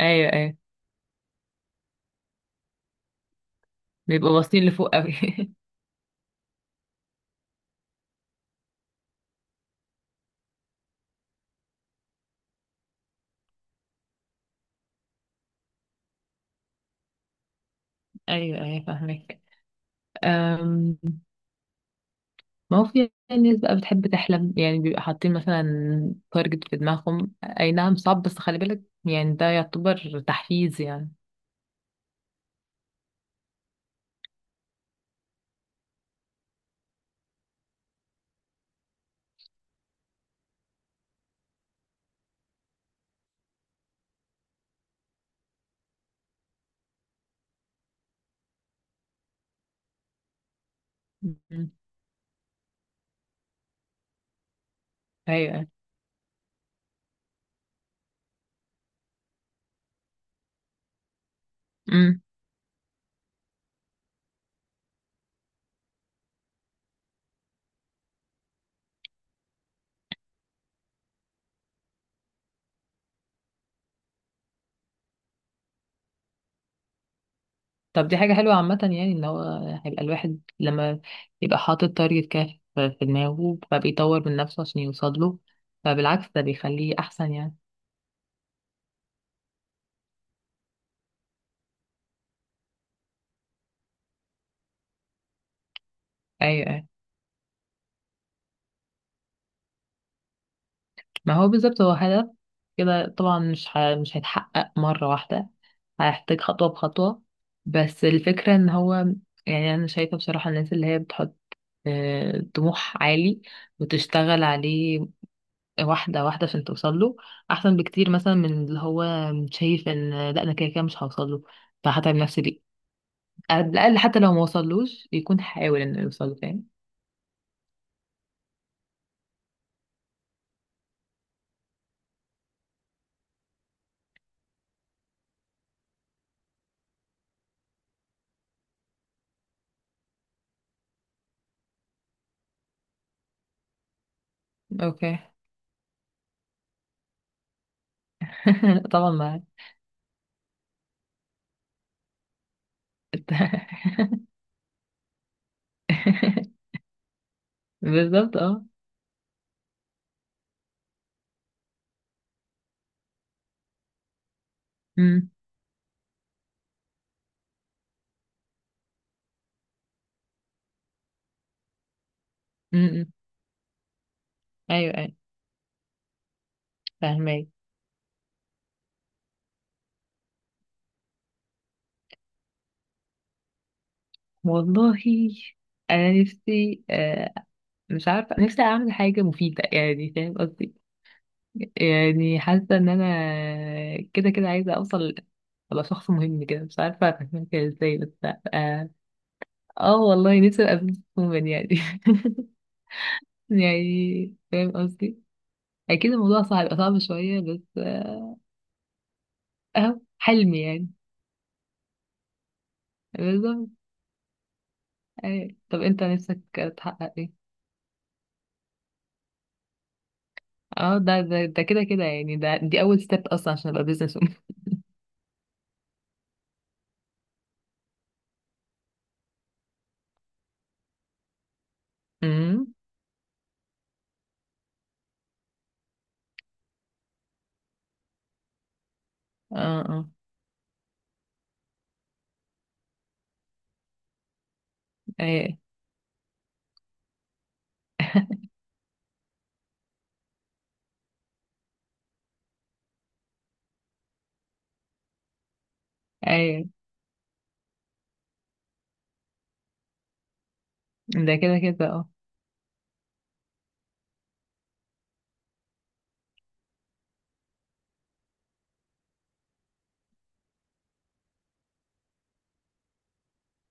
ايوه ايوه، بيبقوا باصين لفوق قوي. ايوه ايوه فاهمك. أم، ما هو في ناس بقى بتحب تحلم، يعني بيبقى حاطين مثلا تارجت في دماغهم، اي نعم صعب بس خلي بالك، يعني ده يعتبر تحفيز يعني. أمم، ايوه امم. طب دي حاجة حلوة عامة، يعني ان هو هيبقى الواحد لما يبقى حاطط تارجت كده في دماغه، فبيطور من نفسه عشان يوصل له، فبالعكس ده بيخليه احسن يعني. ايوه أيوة. ما هو بالظبط هو هدف، كده طبعا مش هيتحقق مرة واحدة، هيحتاج خطوة بخطوة، بس الفكرة ان هو يعني انا شايفة بصراحة الناس اللي هي بتحط طموح عالي وتشتغل عليه واحدة واحدة عشان توصل له، احسن بكتير مثلا من اللي هو شايف ان لا انا كده كده مش هوصل له، فهتعب نفسي ليه؟ على الاقل حتى لو ما وصلوش يكون حاول انه يوصل له، فاهم؟ اوكي. طبعا معاك. بالظبط اه. أمم. امم. ايوه ايوه فاهمك. والله انا نفسي مش عارفه نفسي اعمل حاجه مفيده، يعني فاهم قصدي، يعني حاسه ان انا كده كده عايزه اوصل، ابقى شخص مهم كده، مش عارفه افهمها كده ازاي بس. اه، آه والله نفسي ابقى بزنس وومن يعني. يعني فاهم قصدي. اكيد الموضوع صعب، صعب شويه بس اهو حلمي يعني. بالظبط. أيوة. طب انت نفسك تحقق ايه؟ اه ده ده ده كده كده، يعني ده دي اول ستيب اصلا عشان ابقى بزنس وومن. امم. اه اه. ايه ايه ده كده كده اه.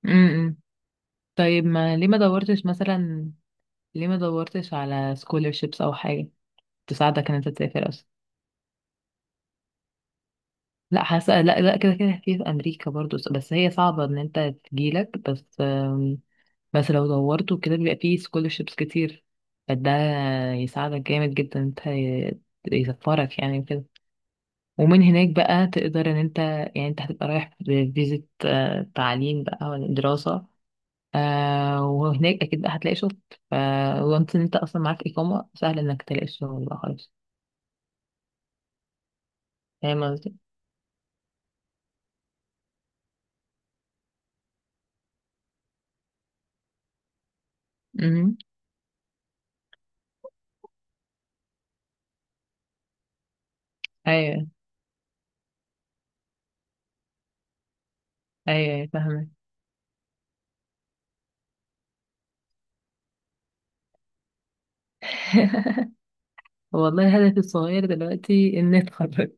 امم. طيب ما ليه ما دورتش مثلا، ليه ما دورتش على scholarships او حاجه تساعدك ان انت تسافر اصلا؟ لا حاسه لا لا كده كده في في امريكا برضو، بس هي صعبه ان انت تجيلك بس بس لو دورت وكده بيبقى فيه scholarships كتير، فده يساعدك جامد جدا إن انت يسفرك يعني كده. ومن هناك بقى تقدر ان انت، يعني انت هتبقى رايح بفيزة تعليم بقى ولا دراسة، آه وهناك اكيد بقى هتلاقي شغل، ف وانت ان انت اصلا معاك اقامة سهل انك تلاقي شغل بقى خالص. فاهم قصدي؟ أمم. ايوه ايوه أيوة، فاهمة. والله هدفي الصغير دلوقتي اني اتخرج.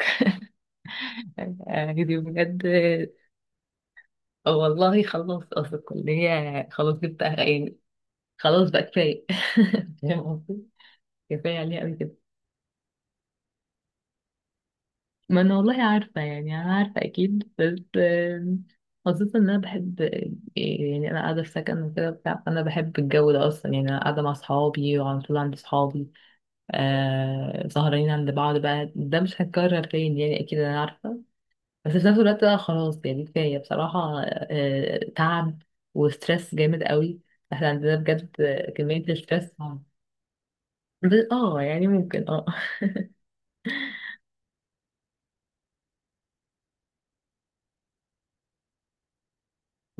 يعني بجد. والله خلاص اصل الكلية خلاص جبت يعني، خلاص بقى كفاية. فاهم قصدي؟ كفاية عليها قوي كده. ما انا والله عارفة، يعني انا عارفة اكيد بس خاصة ان انا بحب، يعني انا قاعدة في سكن وكده بتاع، فانا بحب الجو ده اصلا، يعني انا قاعدة مع صحابي وعلى طول عند صحابي. آه سهرانين عند بعض بقى، ده مش هيتكرر تاني يعني، اكيد انا عارفة، بس في نفس الوقت بقى خلاص يعني كفاية بصراحة، آه تعب وستريس جامد قوي. احنا عندنا بجد كمية الستريس اه، يعني ممكن اه.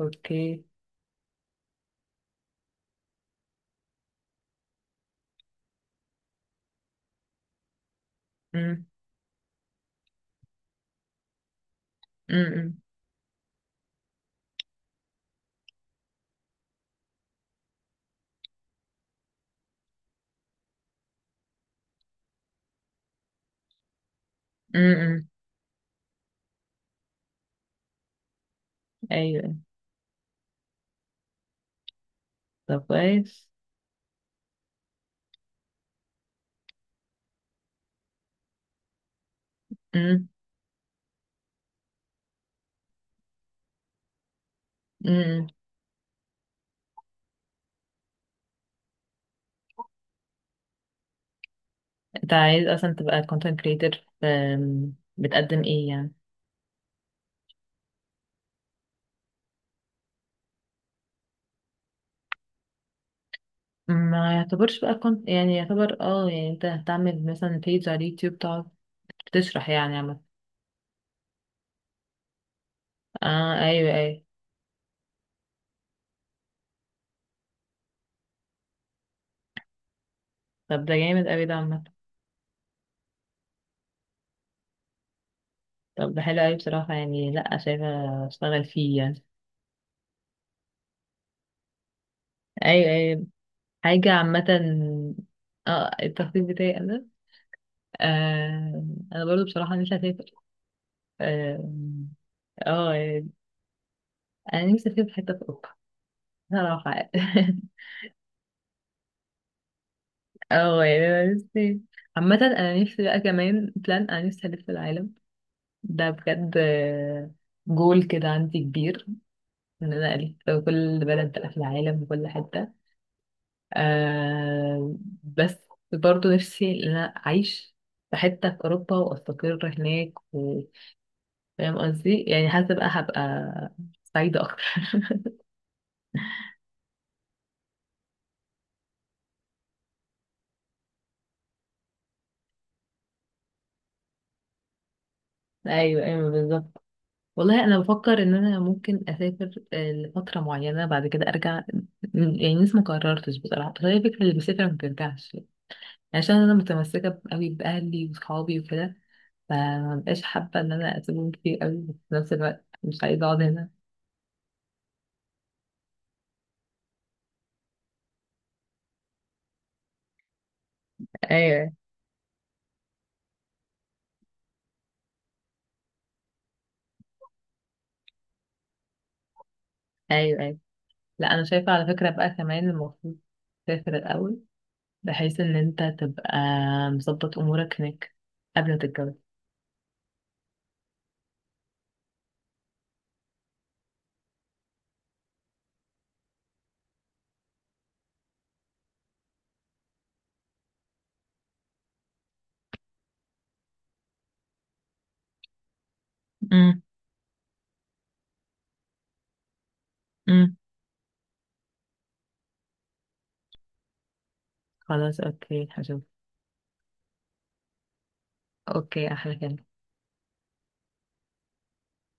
اوكي. امم. امم. امم. ايوه. طب كويس. امم. امم. انت عايز اصلا تبقى content creator؟ بتقدم ايه يعني؟ ما يعتبرش بقى كنت يعني، يعتبر اه يعني انت هتعمل مثلا بيج على اليوتيوب تقعد تشرح يعني عامة؟ اه ايوه ايوه. طب ده جامد اوي ده عامة. طب ده حلو اوي بصراحة، يعني لأ شايفة اشتغل فيه يعني. ايوه ايوه. حاجة عامة اه، التخطيط بتاعي انا، آه انا برضو بصراحة نفسي اسافر. اه يعني انا نفسي اسافر في حتة في اوروبا صراحة. اه يعني انا نفسي، عامة انا نفسي بقى كمان بلان، انا نفسي الف العالم ده بجد، جول كده عندي كبير ان انا الف كل بلد بقى في العالم وكل حتة. آه بس برضو نفسي ان انا اعيش في حتة في اوروبا واستقر هناك و- فاهم قصدي، يعني حاسة بقى هبقى سعيدة اكتر. ايوه ايوه بالظبط. والله انا بفكر ان انا ممكن اسافر لفتره معينه بعد كده ارجع. يعني لسه ما قررتش بصراحه، بس هي فكره اللي بيسافر ما بترجعش، عشان انا متمسكه قوي باهلي وصحابي وكده، فما بقاش حابه ان انا اسيبهم كتير قوي، بس في نفس الوقت مش عايزه اقعد هنا. ايوه ايوه ايوه. لا انا شايفه على فكره بقى كمان المفروض تسافر الاول، بحيث ان انت تبقى مظبط امورك هناك قبل ما تتجوز. امم. امم. خلاص اوكي هشوف. اوكي احلى كلام.